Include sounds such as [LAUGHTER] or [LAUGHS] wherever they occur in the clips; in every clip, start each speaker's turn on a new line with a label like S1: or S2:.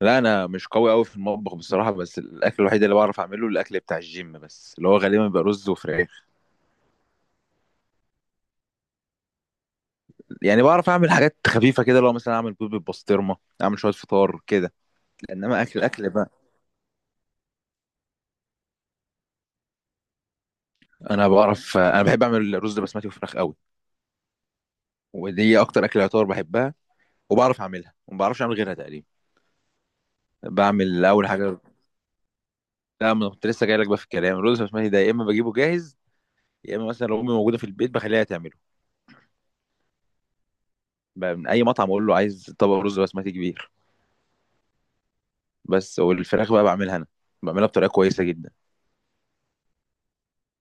S1: لا انا مش قوي قوي في المطبخ بصراحه. بس الاكل الوحيد اللي بعرف اعمله الاكل بتاع الجيم، بس اللي هو غالبا بيبقى رز وفراخ. يعني بعرف اعمل حاجات خفيفه كده، لو مثلا اعمل بيض بالبسطرمه، اعمل شويه فطار كده. انما اكل اكل بقى، انا بحب اعمل رز بسمتي وفراخ قوي. ودي اكتر اكل يعتبر بحبها وبعرف اعملها وما بعرفش اعمل غيرها تقريبا. بعمل اول حاجه. لا، ما أنا كنت لسه جاي لك بقى في الكلام، الرز البسمتي ده يا اما بجيبه جاهز، يا اما مثلا لو امي موجوده في البيت بخليها تعمله. بقى من اي مطعم اقول له عايز طبق رز بسمتي كبير. بس والفراخ بقى بعملها انا، بعملها بطريقه كويسه جدا.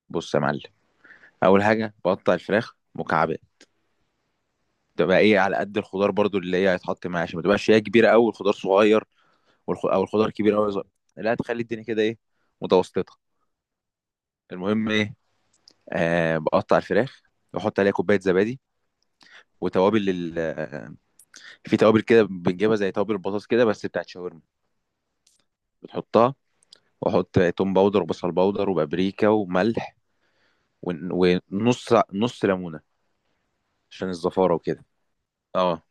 S1: بص يا معلم، اول حاجه بقطع الفراخ مكعبات، تبقى ايه، على قد الخضار برضو اللي هي هيتحط معاها، عشان ما تبقاش هي كبيره قوي والخضار صغير، او الخضار كبير قوي صغير. لا، تخلي الدنيا كده ايه، متوسطه. المهم ايه، آه، بقطع الفراخ واحط عليها كوبايه زبادي وتوابل ال... آه، في توابل كده بنجيبها زي توابل البطاطس كده، بس بتاعت شاورما، بتحطها. واحط توم باودر وبصل باودر وبابريكا وملح ون- ونص، نص ليمونه عشان الزفاره وكده. اه،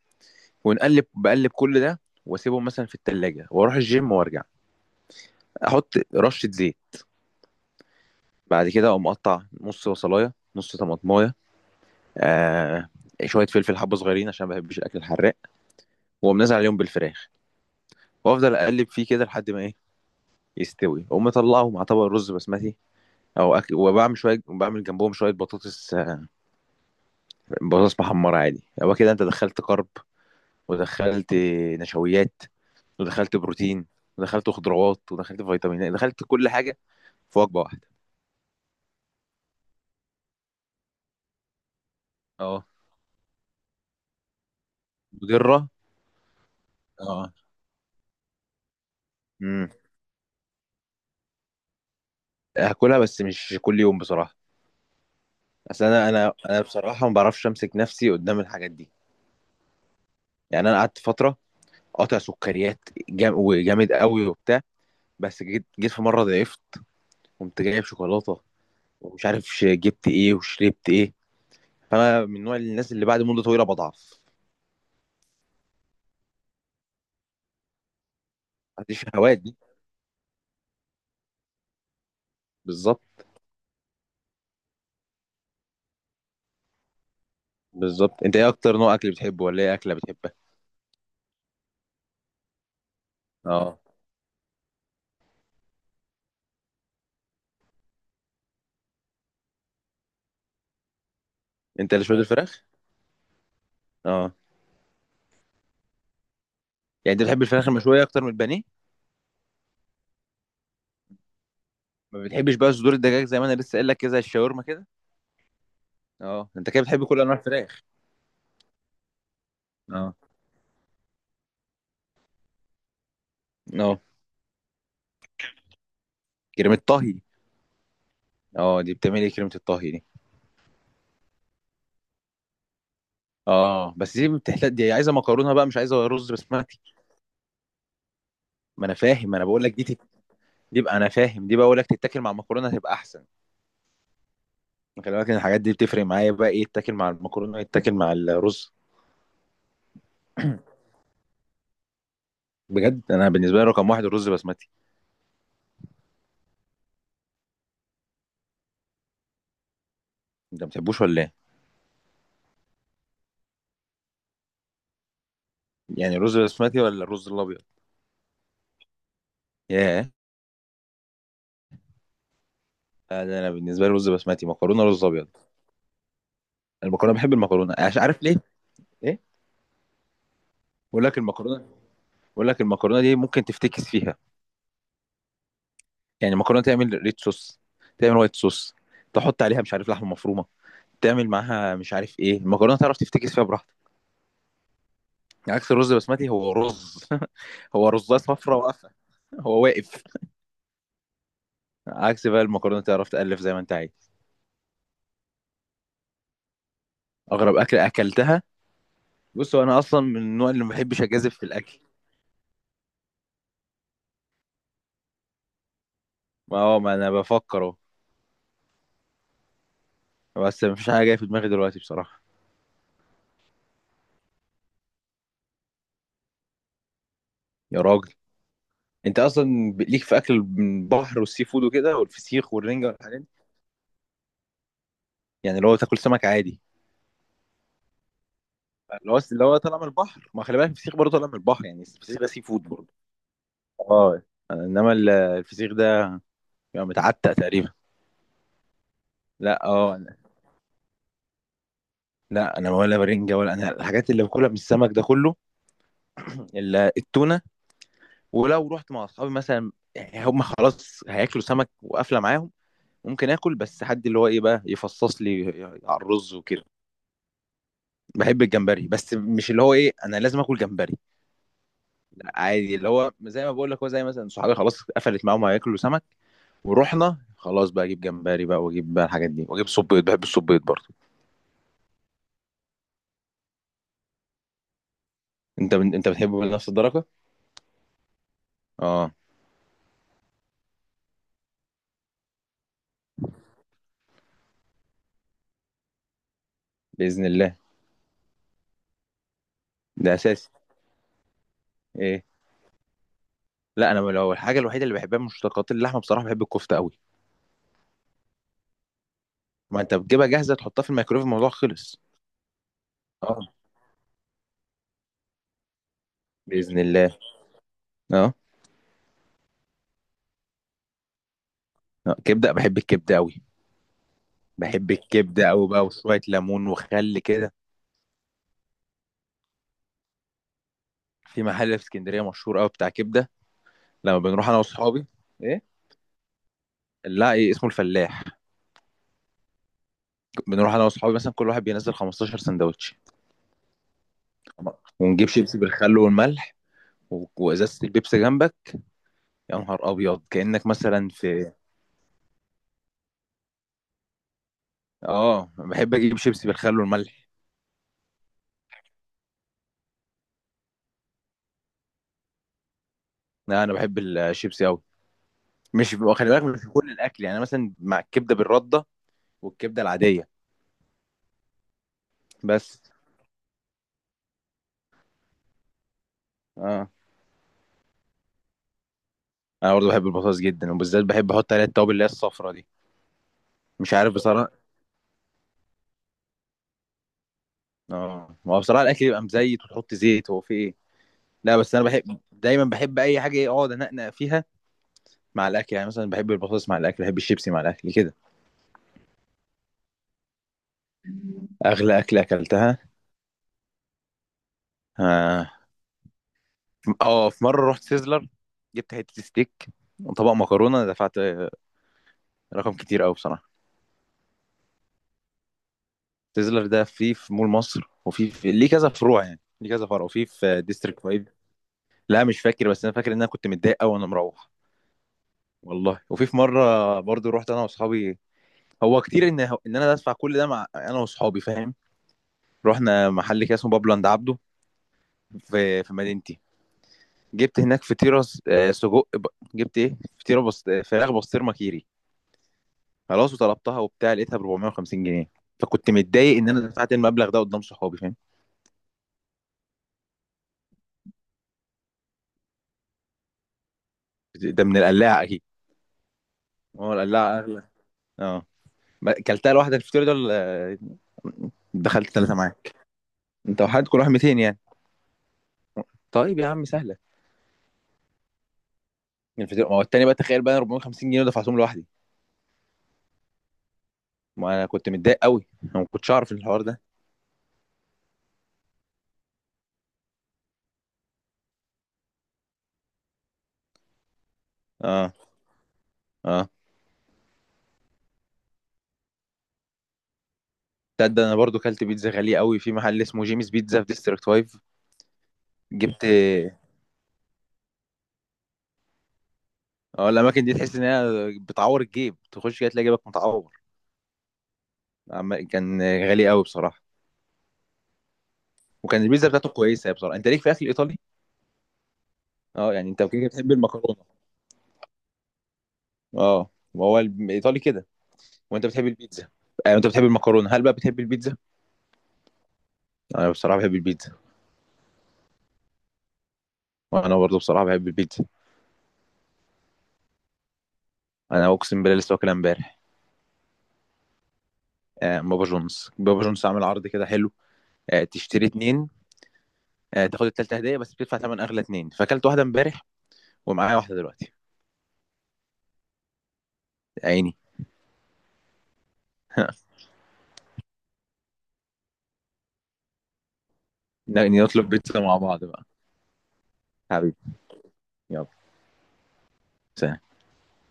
S1: ونقلب، بقلب كل ده واسيبهم مثلا في التلاجة واروح الجيم وارجع، احط رشة زيت. بعد كده اقوم مقطع نص بصلاية، نص طماطماية، آه، شوية فلفل، حبة صغيرين عشان ما بحبش الاكل الحراق. واقوم نازل عليهم بالفراخ وافضل اقلب فيه كده لحد ما ايه، يستوي. اقوم مطلعه مع طبق رز بسمتي او أكل، وبعمل شويه، بعمل جنبهم شويه بطاطس، آه، بطاطس محمره عادي. هو كده انت دخلت كرب ودخلت نشويات ودخلت بروتين ودخلت خضروات ودخلت فيتامينات، دخلت كل حاجه في وجبه واحده. اه، مضره. اه. امم. هاكلها، بس مش كل يوم بصراحه. اصل انا، انا بصراحه ما بعرفش امسك نفسي قدام الحاجات دي. يعني انا قعدت فتره قاطع سكريات جام وجامد قوي وبتاع. بس جيت في مره ضعفت، قمت جايب شوكولاته ومش عارف جبت ايه وشربت ايه. فانا من نوع الناس اللي بعد مده طويله بضعف. ما عنديش الهوايات دي. بالظبط. بالظبط، انت ايه اكتر نوع اكل بتحبه، ولا ايه اكله بتحبها؟ اه، انت اللي شويه الفراخ؟ اه. يعني انت بتحب الفراخ المشويه اكتر من البانيه؟ ما بتحبش بقى صدور الدجاج زي ما انا لسه قايل لك كده، زي الشاورما كده؟ اه، انت كده بتحب كل انواع الفراخ. اه. اه، كريمه طهي. اه، دي بتعمل ايه كريمه الطهي دي؟ اه، بس دي بتحتاج، دي عايزه مكرونه بقى، مش عايزه رز بسمتي. ما انا فاهم، انا بقول لك دي دي بقى، انا فاهم، دي بقى بقول لك تتاكل مع المكرونه هتبقى احسن. خلي بالك ان الحاجات دي بتفرق معايا بقى، ايه تتاكل مع المكرونه، ايه تتاكل مع الرز. بجد انا بالنسبه لي رقم واحد الرز بسمتي. انت ما بتحبوش ولا ايه؟ يعني الرز بسمتي ولا الرز الابيض؟ ياه. لا، ده انا بالنسبه لي رز بسمتي، مكرونه، رز ابيض. المكرونه، بحب المكرونه، عارف ليه؟ ايه. بقول لك المكرونه، بقول لك المكرونه دي ممكن تفتكس فيها. يعني المكرونه تعمل ريد صوص، تعمل وايت صوص، تحط عليها مش عارف لحمه مفرومه، تعمل معاها مش عارف ايه، المكرونه تعرف تفتكس فيها براحتك. عكس الرز البسمتي، هو رز [LAUGHS] هو رزايه صفرا واقفه، هو واقف. عكس بقى المكرونه تعرف تألف زي ما انت عايز. اغرب اكل اكلتها. بص هو انا اصلا من النوع اللي ما بحبش اجازف في الاكل. ما هو ما انا بفكر اهو، بس مفيش حاجه جايه في دماغي دلوقتي بصراحه. يا راجل. انت اصلا ليك في اكل من البحر والسي فود وكده، والفسيخ والرنجه والحاجات دي. يعني اللي هو تاكل سمك عادي، اللي هو طالع من البحر. ما خلي بالك الفسيخ برضه طالع من البحر، يعني الفسيخ ده سي فود برضه. اه. انما الفسيخ ده بيبقى متعتق تقريبا. لا اه، لا انا ولا برنجه ولا انا، الحاجات اللي باكلها من السمك ده كله الا التونه. ولو رحت مع اصحابي مثلا، يعني هم خلاص هياكلوا سمك وقافله معاهم، ممكن اكل، بس حد اللي هو ايه بقى، يفصص لي على الرز وكده. بحب الجمبري، بس مش اللي هو ايه انا لازم اكل جمبري. لا عادي، اللي هو زي ما بقول لك، هو زي مثلا صحابي خلاص قفلت معاهم هياكلوا سمك، ورحنا خلاص بقى اجيب جمبري بقى، واجيب بقى الحاجات دي، واجيب صبيط، بحب الصبيط برضه. انت بتحبه بنفس الدرجه؟ اه. باذن الله. ده اساسي. ايه. لا، انا لو الحاجه الوحيده اللي بحبها من مشتقات اللحمه بصراحه، بحب الكفته قوي. ما انت بتجيبها جاهزه، تحطها في الميكرويف، الموضوع خلص. اه. باذن الله. اه. آه، كبده، بحب الكبده قوي. بحب الكبده قوي بقى، وشويه ليمون وخل كده. في محل في اسكندريه مشهور قوي بتاع كبده. لما بنروح انا واصحابي. ايه. لا، ايه اسمه، الفلاح. بنروح انا واصحابي مثلا كل واحد بينزل 15 سندوتش، ونجيب شيبسي بالخل والملح وازازه البيبسي جنبك. يا نهار ابيض، كانك مثلا في. اه، بحب اجيب شيبسي بالخل والملح. لا انا بحب الشيبسي قوي. مش، خلي بالك مش في كل الاكل يعني، أنا مثلا مع الكبده بالرده والكبده العاديه. بس. اه. انا برضه بحب البطاطس جدا، وبالذات بحب احط عليها التوابل اللي هي الصفرا دي. مش عارف بصراحه. اه، ما هو بصراحه الاكل يبقى مزيت وتحط زيت، هو في ايه. لا بس انا بحب دايما، بحب اي حاجه ايه، اقعد انقنق فيها مع الاكل. يعني مثلا بحب البطاطس مع الاكل، بحب الشيبسي مع الاكل كده. اغلى اكله اكلتها. اه. آه، في مره رحت سيزلر، جبت حته ستيك وطبق مكرونه، أنا دفعت آه، رقم كتير قوي بصراحه. سيزلر ده فيه في مول مصر، وفي في ليه كذا فروع، يعني ليه كذا فرع، وفي في ديستريكت 5. لا مش فاكر، بس انا فاكر ان انا كنت متضايق قوي وانا مروح. والله. وفي في مره برضو رحت انا واصحابي، هو كتير ان انا ادفع كل ده، مع انا واصحابي، فاهم. رحنا محل كده اسمه بابلو عند عبده، في في مدينتي، جبت هناك فطيره جبت ايه فطيره بس آه، فراخ بسطرمه كيري. خلاص وطلبتها وبتاع، لقيتها ب 450 جنيه. فكنت متضايق ان انا دفعت المبلغ ده قدام صحابي، فاهم. ده من القلاعه اكيد. هو القلاعه اغلى. اه. ما- كلتها لوحدك الفطيره دول آه، دخلت ثلاثه معاك؟ انت وحدك؟ كل واحد 200 يعني. طيب يا عم سهله. الفطيره، ما هو التاني بقى تخيل بقى، 450 جنيه دفعتهم لوحدي. ما انا كنت متضايق قوي، انا ما كنتش اعرف الحوار ده. اه. اه. تصدق انا برضو كلت بيتزا غاليه قوي في محل اسمه جيمس بيتزا في ديستريكت 5. جبت. اه، الاماكن دي تحس ان هي بتعور الجيب، تخش كده تلاقي جيبك متعور. كان غالي قوي بصراحه، وكان البيتزا بتاعته كويسه بصراحه. انت ليك في اكل ايطالي؟ اه، يعني انت كده بتحب المكرونه. اه، ما هو الايطالي كده. وانت بتحب البيتزا. آه، انت بتحب المكرونه، هل بقى بتحب البيتزا؟ انا بصراحه بحب البيتزا. وانا برضو بصراحه بحب البيتزا. انا اقسم بالله لسه واكلها امبارح. آه، بابا جونز. بابا جونز عامل عرض كده حلو، آه، تشتري اتنين آه، تاخد التالتة هدية، بس بتدفع تمن أغلى اتنين. فأكلت واحدة امبارح، ومعايا واحدة دلوقتي. عيني. [LAUGHS] نطلب بيتزا مع بعض بقى. حبيبي. يلا. سلام.